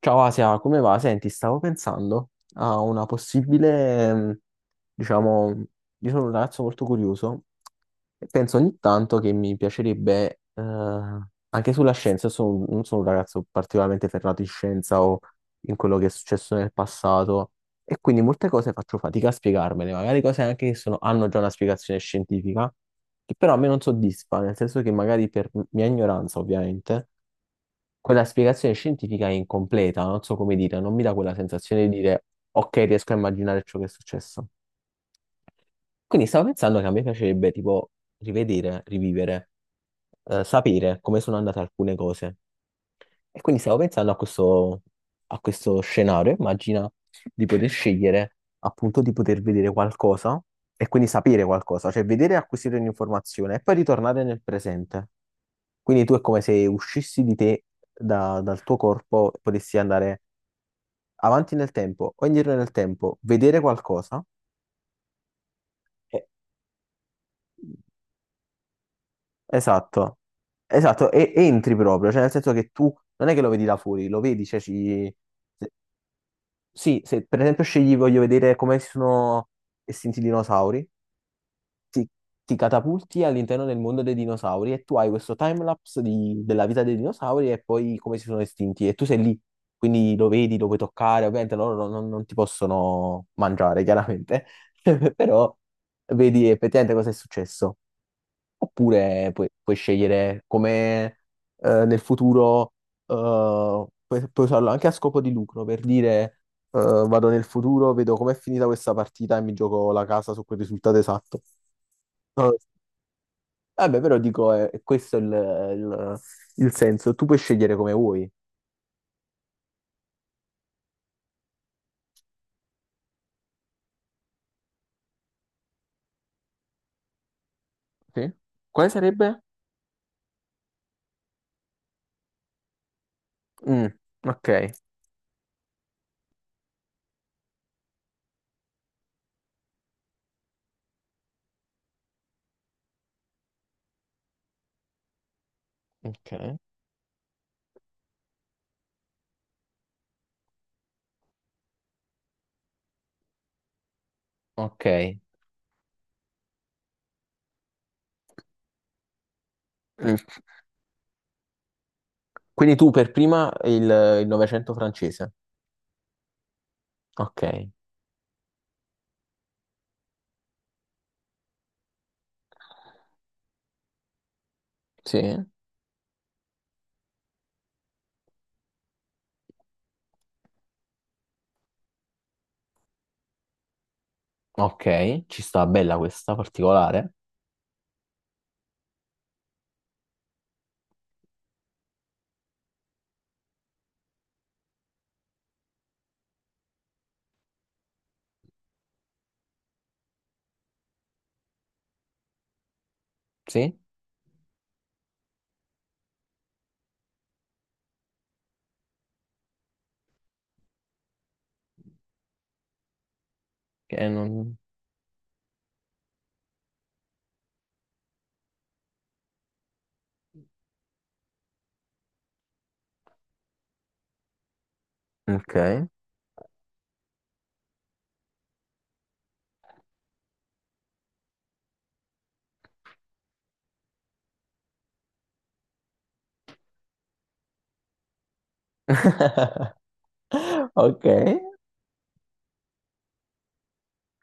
Ciao Asia, come va? Senti, stavo pensando a una possibile, diciamo, io sono un ragazzo molto curioso e penso ogni tanto che mi piacerebbe, anche sulla scienza, io non sono un ragazzo particolarmente ferrato in scienza o in quello che è successo nel passato, e quindi molte cose faccio fatica a spiegarmele, magari cose anche che hanno già una spiegazione scientifica, che però a me non soddisfa, nel senso che magari per mia ignoranza, ovviamente quella spiegazione scientifica è incompleta, non so come dire, non mi dà quella sensazione di dire ok, riesco a immaginare ciò che è successo. Quindi stavo pensando che a me piacerebbe tipo rivedere, rivivere, sapere come sono andate alcune cose. E quindi stavo pensando a questo scenario, immagina di poter scegliere appunto di poter vedere qualcosa e quindi sapere qualcosa, cioè vedere e acquisire un'informazione e poi ritornare nel presente. Quindi tu è come se uscissi di te dal tuo corpo e potessi andare avanti nel tempo o indietro nel tempo, vedere qualcosa. Eh, Esatto, esatto, e entri proprio, cioè nel senso che tu non è che lo vedi da fuori, lo vedi, cioè Sì, se per esempio scegli, voglio vedere come si sono estinti i dinosauri, ti, ti catapulti all'interno del mondo dei dinosauri e tu hai questo timelapse della vita dei dinosauri e poi come si sono estinti e tu sei lì, quindi lo vedi, lo puoi toccare, ovviamente loro non ti possono mangiare, chiaramente, però vedi effettivamente cosa è successo. Oppure puoi scegliere come nel futuro, puoi usarlo anche a scopo di lucro, per dire vado nel futuro, vedo com'è finita questa partita e mi gioco la casa su quel risultato esatto. No, vabbè, però dico, questo è il- il senso, tu puoi scegliere come vuoi. Sì. Quale sarebbe? Mm, ok. Ok. Ok. Mm. Quindi tu per prima il Novecento francese. Ok. Sì. Ok, ci sta bella questa particolare. Sì? Che non. Ok. Ok.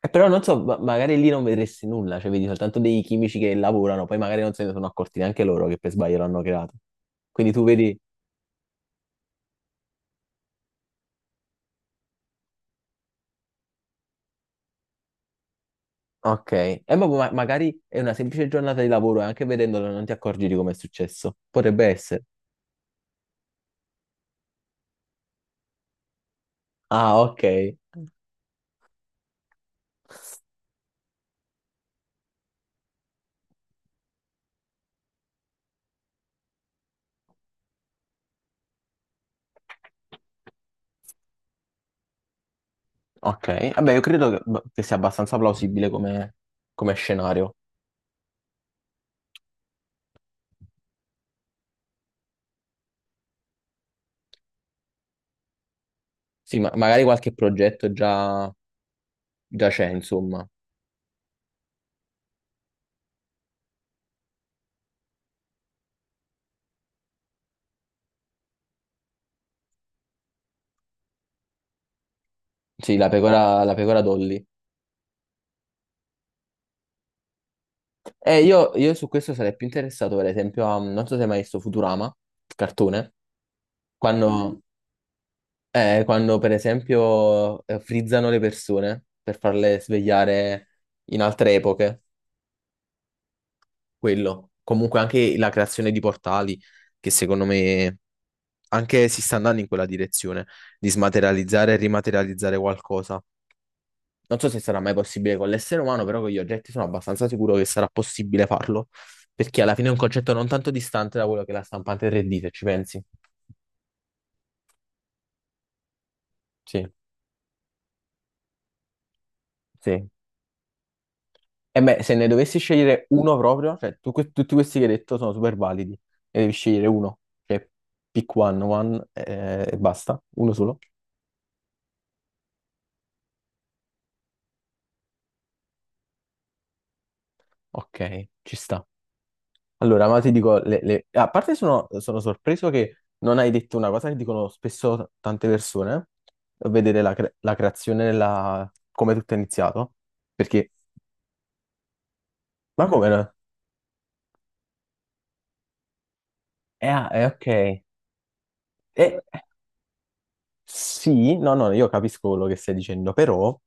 Però non so, magari lì non vedresti nulla, cioè vedi soltanto dei chimici che lavorano, poi magari non se ne sono accorti neanche loro che per sbaglio l'hanno creato. Quindi tu vedi, ok, e magari è una semplice giornata di lavoro e anche vedendolo non ti accorgi di come è successo. Potrebbe essere. Ah, ok. Ok, vabbè, io credo che sia abbastanza plausibile come, come scenario. Sì, ma magari qualche progetto già già c'è, insomma. Sì, la pecora Dolly. E io su questo sarei più interessato, per esempio, a, non so se hai mai visto Futurama, il cartone, quando, mm, quando, per esempio frizzano le persone per farle svegliare in altre epoche, quello. Comunque anche la creazione di portali, che secondo me anche si sta andando in quella direzione, di smaterializzare e rimaterializzare qualcosa. Non so se sarà mai possibile con l'essere umano, però con gli oggetti sono abbastanza sicuro che sarà possibile farlo, perché alla fine è un concetto non tanto distante da quello che è la stampante 3D, se ci pensi. Sì. Sì. E beh, se ne dovessi scegliere uno proprio, cioè tutti questi che hai detto sono super validi, e devi scegliere uno, cioè pick one, one e basta, uno solo. Ok, ci sta. Allora, ma ti dico, a parte sono sorpreso che non hai detto una cosa che dicono spesso tante persone, vedere la creazione, come tutto è iniziato, perché, ma come no? Ok. Eh, sì, no, no, io capisco quello che stai dicendo, però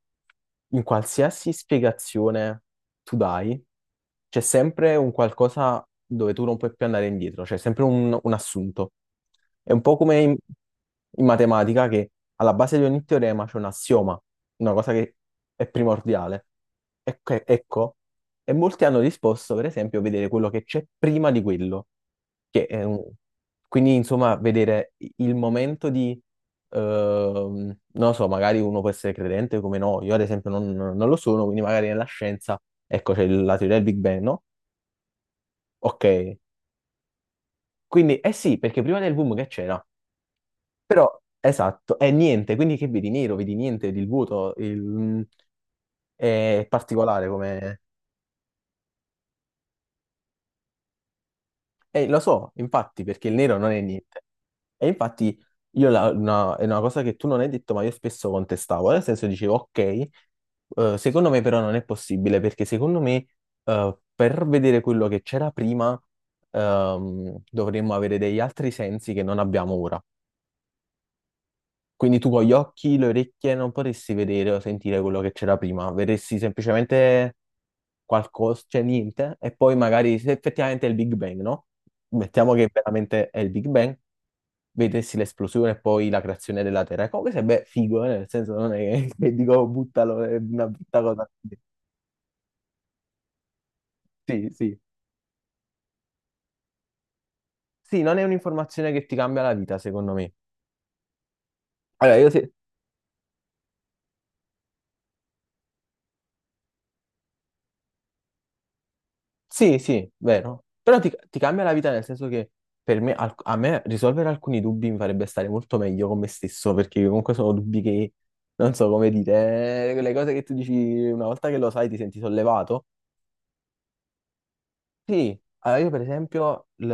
in qualsiasi spiegazione tu dai, c'è sempre un qualcosa dove tu non puoi più andare indietro, c'è sempre un assunto. È un po' come in matematica che alla base di ogni teorema c'è un assioma, una cosa che è primordiale. Ecco, ecco, e molti hanno risposto, per esempio, a vedere quello che c'è prima di quello, che è quindi insomma vedere il momento di non lo so, magari uno può essere credente come no, io ad esempio non lo sono, quindi magari nella scienza, ecco, c'è la teoria del Big Bang, no? Ok, quindi eh sì, perché prima del boom che c'era? Però, esatto, è niente, quindi che vedi nero, vedi niente, vedi il vuoto, è particolare. Lo so, infatti, perché il nero non è niente. E infatti io è una cosa che tu non hai detto, ma io spesso contestavo. Nel senso dicevo, ok, secondo me però non è possibile, perché secondo me per vedere quello che c'era prima dovremmo avere degli altri sensi che non abbiamo ora. Quindi tu con gli occhi, le orecchie non potresti vedere o sentire quello che c'era prima, vedresti semplicemente qualcosa, cioè niente, e poi magari se effettivamente è il Big Bang, no? Mettiamo che veramente è il Big Bang, vedessi l'esplosione e poi la creazione della Terra. E comunque sarebbe figo, nel senso non è che dico buttalo, è una brutta cosa. Sì, sì. Sì, non è un'informazione che ti cambia la vita, secondo me. Allora, io sì, sì, vero. Però ti cambia la vita nel senso che per me, a me risolvere alcuni dubbi mi farebbe stare molto meglio con me stesso, perché comunque sono dubbi che, non so come dire, quelle cose che tu dici una volta che lo sai ti senti sollevato. Sì, allora io per esempio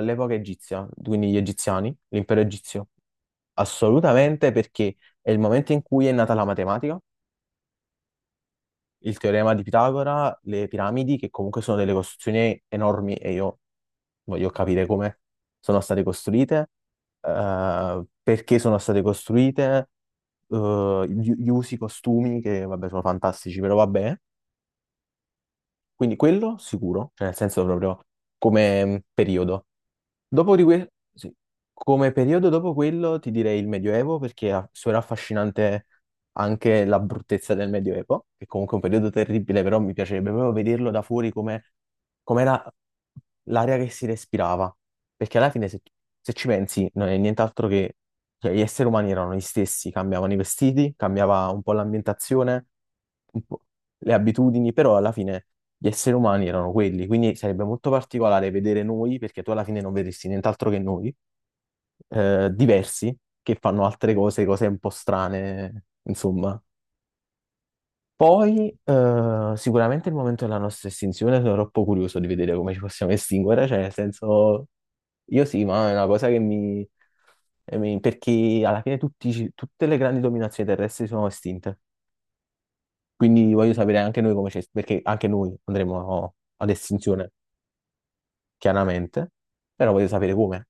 l'epoca egizia, quindi gli egiziani, l'impero egizio, assolutamente perché è il momento in cui è nata la matematica, il teorema di Pitagora, le piramidi, che comunque sono delle costruzioni enormi e io voglio capire come sono state costruite, perché sono state costruite, gli usi, i costumi, che vabbè sono fantastici, però vabbè. Quindi quello sicuro, cioè nel senso proprio come periodo. Sì. Come periodo dopo quello ti direi il Medioevo perché è solo affascinante anche la bruttezza del Medioevo, che comunque è un periodo terribile, però mi piacerebbe proprio vederlo da fuori come com'era l'aria che si respirava. Perché alla fine se ci pensi non è nient'altro che cioè, gli esseri umani erano gli stessi, cambiavano i vestiti, cambiava un po' l'ambientazione, un po' le abitudini, però alla fine gli esseri umani erano quelli, quindi sarebbe molto particolare vedere noi, perché tu alla fine non vedresti nient'altro che noi, diversi, che fanno altre cose, cose un po' strane, insomma. Poi, sicuramente il momento della nostra estinzione, sono troppo curioso di vedere come ci possiamo estinguere, cioè, nel senso, io sì, ma è una cosa che perché alla fine tutte le grandi dominazioni terrestri sono estinte, quindi voglio sapere anche noi come. Perché anche noi andremo ad estinzione. Chiaramente, però voglio sapere come.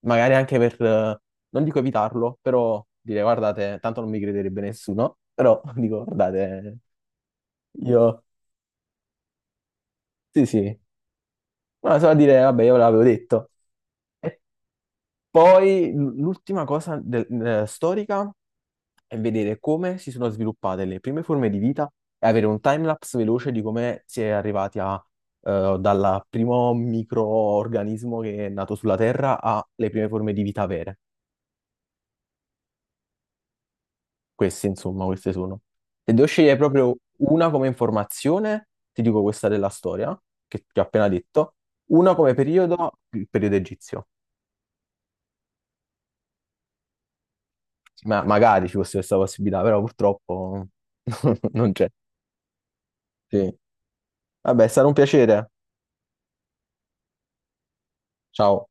Magari anche per, non dico evitarlo, però dire guardate, tanto non mi crederebbe nessuno, però dico guardate, io sì, sì, ma solo a dire vabbè io ve l'avevo detto. E poi l'ultima cosa storica è vedere come si sono sviluppate le prime forme di vita e avere un timelapse veloce di come si è arrivati a dal primo microorganismo che è nato sulla Terra alle prime forme di vita vere. Questi, insomma, queste sono. Se devo scegliere proprio una come informazione, ti dico questa della storia, che ti ho appena detto, una come periodo, il periodo egizio. Ma magari ci fosse questa possibilità, però purtroppo non c'è. Sì. Vabbè, è stato un piacere. Ciao.